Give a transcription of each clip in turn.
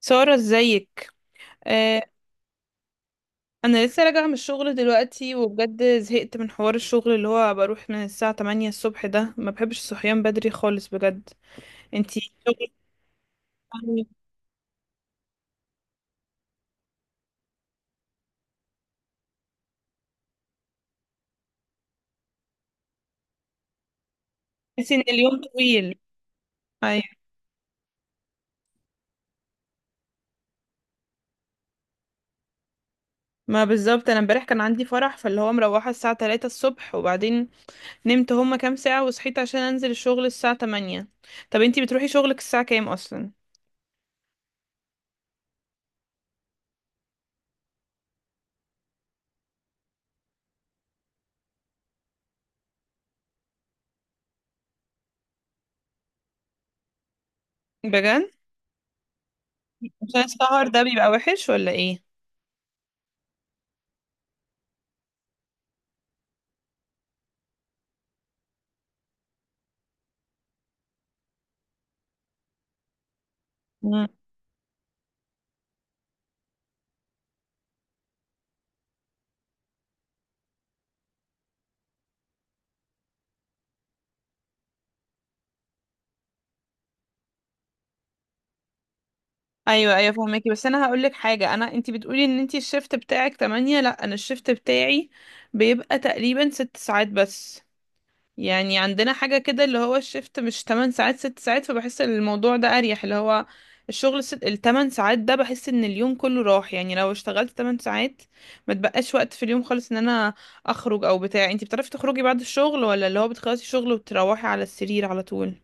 سارة، ازيك؟ آه. انا لسه راجعة من الشغل دلوقتي وبجد زهقت من حوار الشغل اللي هو بروح من الساعة 8 الصبح، ده ما بحبش الصحيان بدري خالص بجد. انتي شغل يعني؟ تحسي ان اليوم طويل. ايوه. ما بالظبط انا امبارح كان عندي فرح فاللي هو مروحة الساعة 3 الصبح، وبعدين نمت هما كام ساعة وصحيت عشان انزل الشغل الساعة 8. طب انتي بتروحي شغلك الساعة كام اصلا؟ بجد؟ عشان السهر ده بيبقى وحش ولا ايه؟ ايوه ايوه، فهماكي. بس انا هقول لك حاجه، انا انتي بتقولي ان انتي الشيفت بتاعك 8، لا انا الشيفت بتاعي بيبقى تقريبا 6 ساعات بس. يعني عندنا حاجه كده اللي هو الشيفت مش 8 ساعات، 6 ساعات، فبحس ان الموضوع ده اريح. اللي هو الشغل ال 8 ساعات ده بحس ان اليوم كله راح. يعني لو اشتغلت 8 ساعات ما تبقاش وقت في اليوم خالص، ان انا اخرج او بتاع. انتي بتعرفي تخرجي بعد الشغل ولا اللي هو بتخلصي شغل وتروحي على السرير على طول؟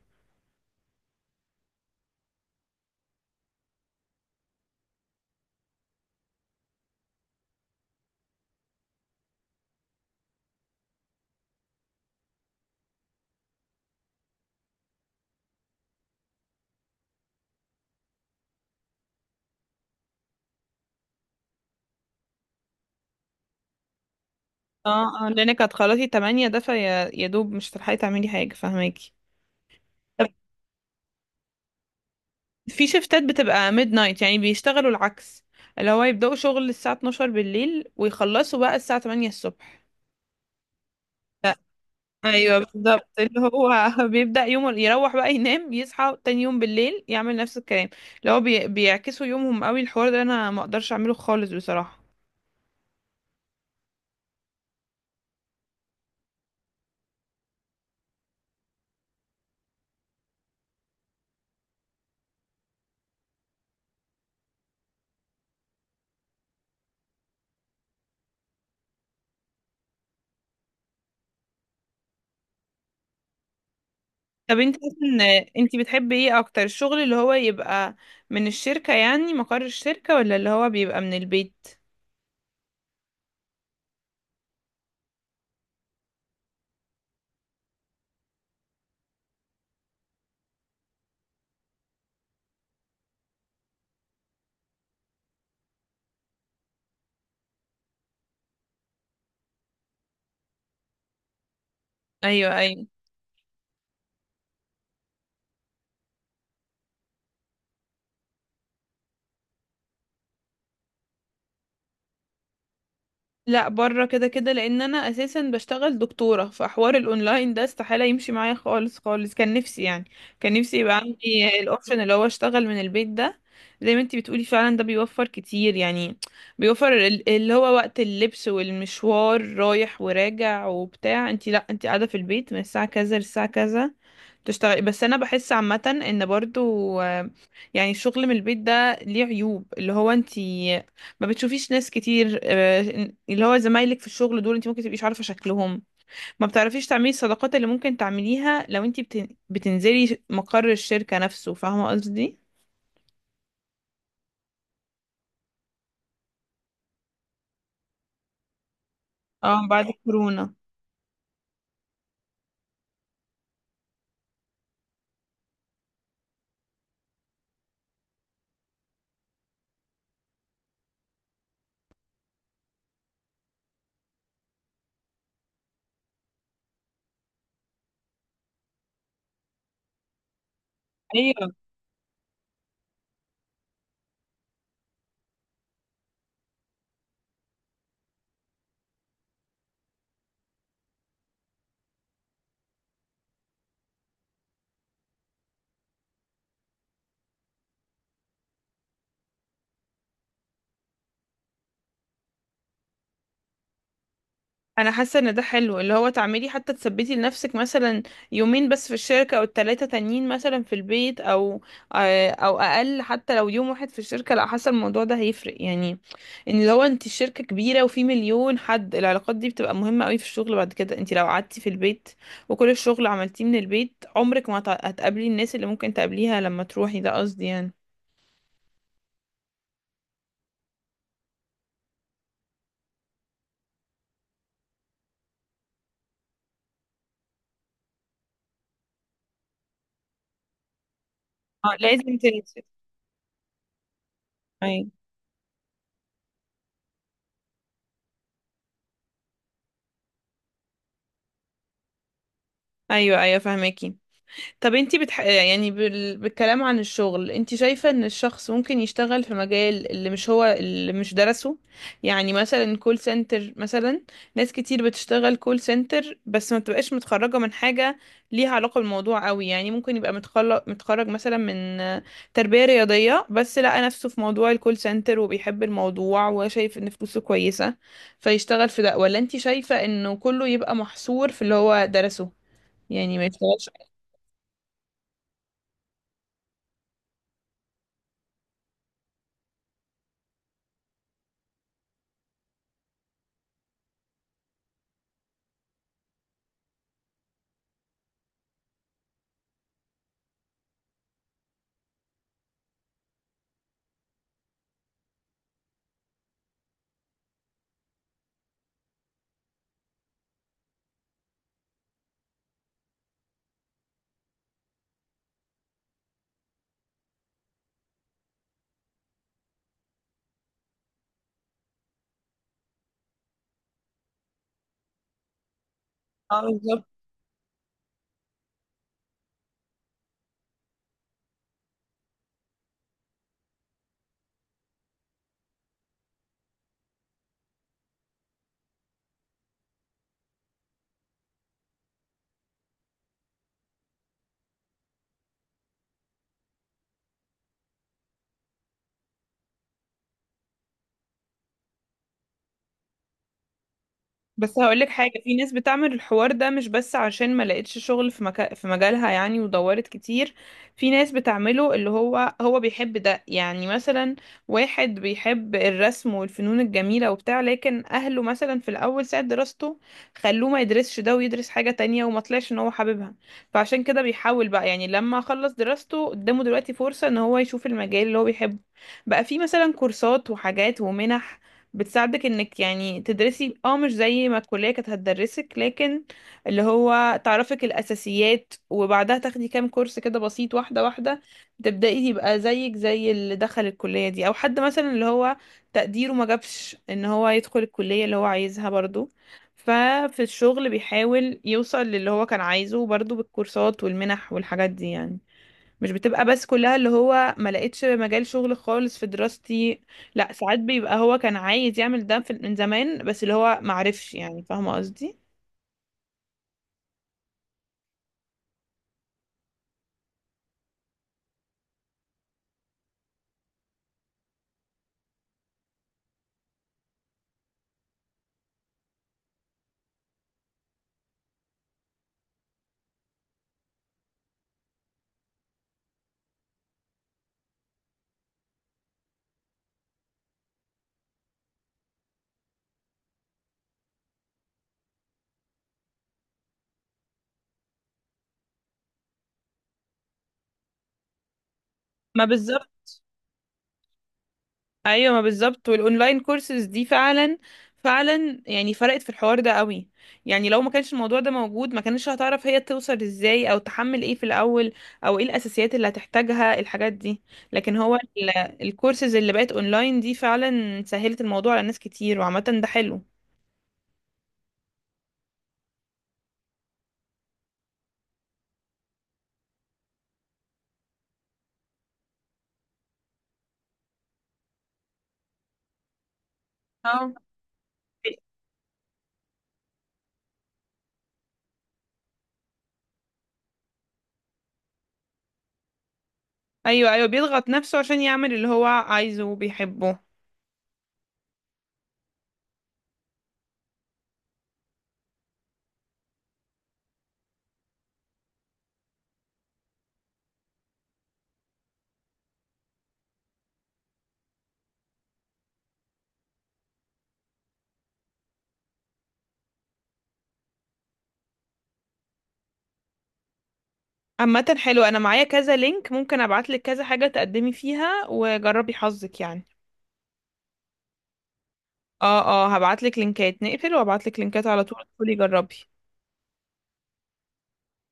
اه اه، لانك هتخلصي 8، ده فيا يا دوب مش هتلحقي تعملي حاجة. فاهماكي. طب في شيفتات بتبقى ميد نايت يعني بيشتغلوا العكس، اللي هو يبدأوا شغل الساعة 12 بالليل ويخلصوا بقى الساعة 8 الصبح. ف- ايوه بالظبط، اللي هو بيبدأ يومه، يروح بقى ينام، يصحى تاني يوم بالليل يعمل نفس الكلام. اللي هو بيعكسوا يومهم قوي. الحوار ده انا ما اقدرش اعمله خالص بصراحة. طب انت اصلا انت بتحبي ايه اكتر؟ الشغل اللي هو يبقى من الشركة يعني مقر الشركة، ولا اللي هو بيبقى من البيت؟ ايوه ايوه. لا، بره كده كده، لان انا اساسا بشتغل دكتورة فحوار الاونلاين ده استحالة يمشي معايا خالص خالص. كان نفسي يعني كان نفسي يبقى عندي الاوبشن اللي هو اشتغل من البيت ده، زي ما انت بتقولي فعلا ده بيوفر كتير يعني. بيوفر اللي هو وقت اللبس والمشوار رايح وراجع وبتاع. انت لا انت قاعدة في البيت من الساعة كذا للساعة كذا تشتغلي. بس انا بحس عامه ان برضو يعني الشغل من البيت ده ليه عيوب، اللي هو انت ما بتشوفيش ناس كتير، اللي هو زمايلك في الشغل دول انت ممكن تبقيش عارفه شكلهم. ما بتعرفيش تعملي الصداقات اللي ممكن تعمليها لو انت بتنزلي مقر الشركه نفسه. فاهمه قصدي؟ اه بعد كورونا. ايوه، انا حاسه ان ده حلو، اللي هو تعملي حتى تثبتي لنفسك مثلا يومين بس في الشركه او التلاته تانيين مثلا في البيت، او او اقل حتى. لو يوم واحد في الشركه لا، حاسه الموضوع ده هيفرق يعني. ان لو انت الشركه كبيره وفي مليون حد، العلاقات دي بتبقى مهمه قوي في الشغل. بعد كده انت لو قعدتي في البيت وكل الشغل عملتيه من البيت عمرك ما هتقابلي الناس اللي ممكن تقابليها لما تروحي. ده قصدي يعني. اه لازم تنزلي. ايوه ايوه ايوه، فهماكي. طب انتي بالكلام عن الشغل، انتي شايفة ان الشخص ممكن يشتغل في مجال اللي مش هو اللي مش درسه، يعني مثلا كول سنتر مثلا. ناس كتير بتشتغل كول سنتر بس ما بتبقاش متخرجة من حاجة ليها علاقة بالموضوع قوي. يعني ممكن يبقى متخرج متخرج مثلا من تربية رياضية بس لقى نفسه في موضوع الكول سنتر وبيحب الموضوع وشايف ان فلوسه كويسة فيشتغل في ده. ولا انتي شايفة انه كله يبقى محصور في اللي هو درسه، يعني ما يشتغلش؟ اه بالظبط. بس هقولك حاجة، في ناس بتعمل الحوار ده مش بس عشان ما لقيتش شغل في في مجالها يعني ودورت كتير. في ناس بتعمله اللي هو هو بيحب ده. يعني مثلا واحد بيحب الرسم والفنون الجميلة وبتاع، لكن أهله مثلا في الأول ساعة دراسته خلوه ما يدرسش ده ويدرس حاجة تانية، وما طلعش إن هو حاببها. فعشان كده بيحاول بقى، يعني لما خلص دراسته قدامه دلوقتي فرصة إن هو يشوف المجال اللي هو بيحبه، بقى في مثلا كورسات وحاجات ومنح بتساعدك انك يعني تدرسي، اه مش زي ما الكلية كانت هتدرسك، لكن اللي هو تعرفك الأساسيات وبعدها تاخدي كام كورس كده بسيط، واحدة واحدة تبدأي يبقى زيك زي اللي دخل الكلية دي. أو حد مثلا اللي هو تقديره ما جابش ان هو يدخل الكلية اللي هو عايزها برضو ففي الشغل بيحاول يوصل للي هو كان عايزه برضو بالكورسات والمنح والحاجات دي يعني. مش بتبقى بس كلها اللي هو ما لقيتش مجال شغل خالص في دراستي. لا ساعات بيبقى هو كان عايز يعمل ده في من زمان بس اللي هو ما عرفش. يعني فاهمه قصدي؟ ما بالظبط. ايوه ما بالظبط. والاونلاين كورسز دي فعلا فعلا يعني فرقت في الحوار ده قوي. يعني لو ما كانش الموضوع ده موجود ما كانتش هتعرف هي توصل ازاي او تحمل ايه في الاول، او ايه الاساسيات اللي هتحتاجها الحاجات دي. لكن هو الكورسز اللي بقت اونلاين دي فعلا سهلت الموضوع على ناس كتير. وعامه ده حلو. اه ايوه ايوه، بيضغط نفسه عشان يعمل اللي هو عايزه وبيحبه. عامة حلو، انا معايا كذا لينك ممكن ابعتلك كذا حاجة تقدمي فيها وجربي حظك يعني. اه. اه، هبعتلك لينكات، نقفل وابعتلك لينكات على طول، ادخلي جربي.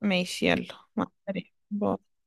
ماشي، يلا، مع السلامة، باي.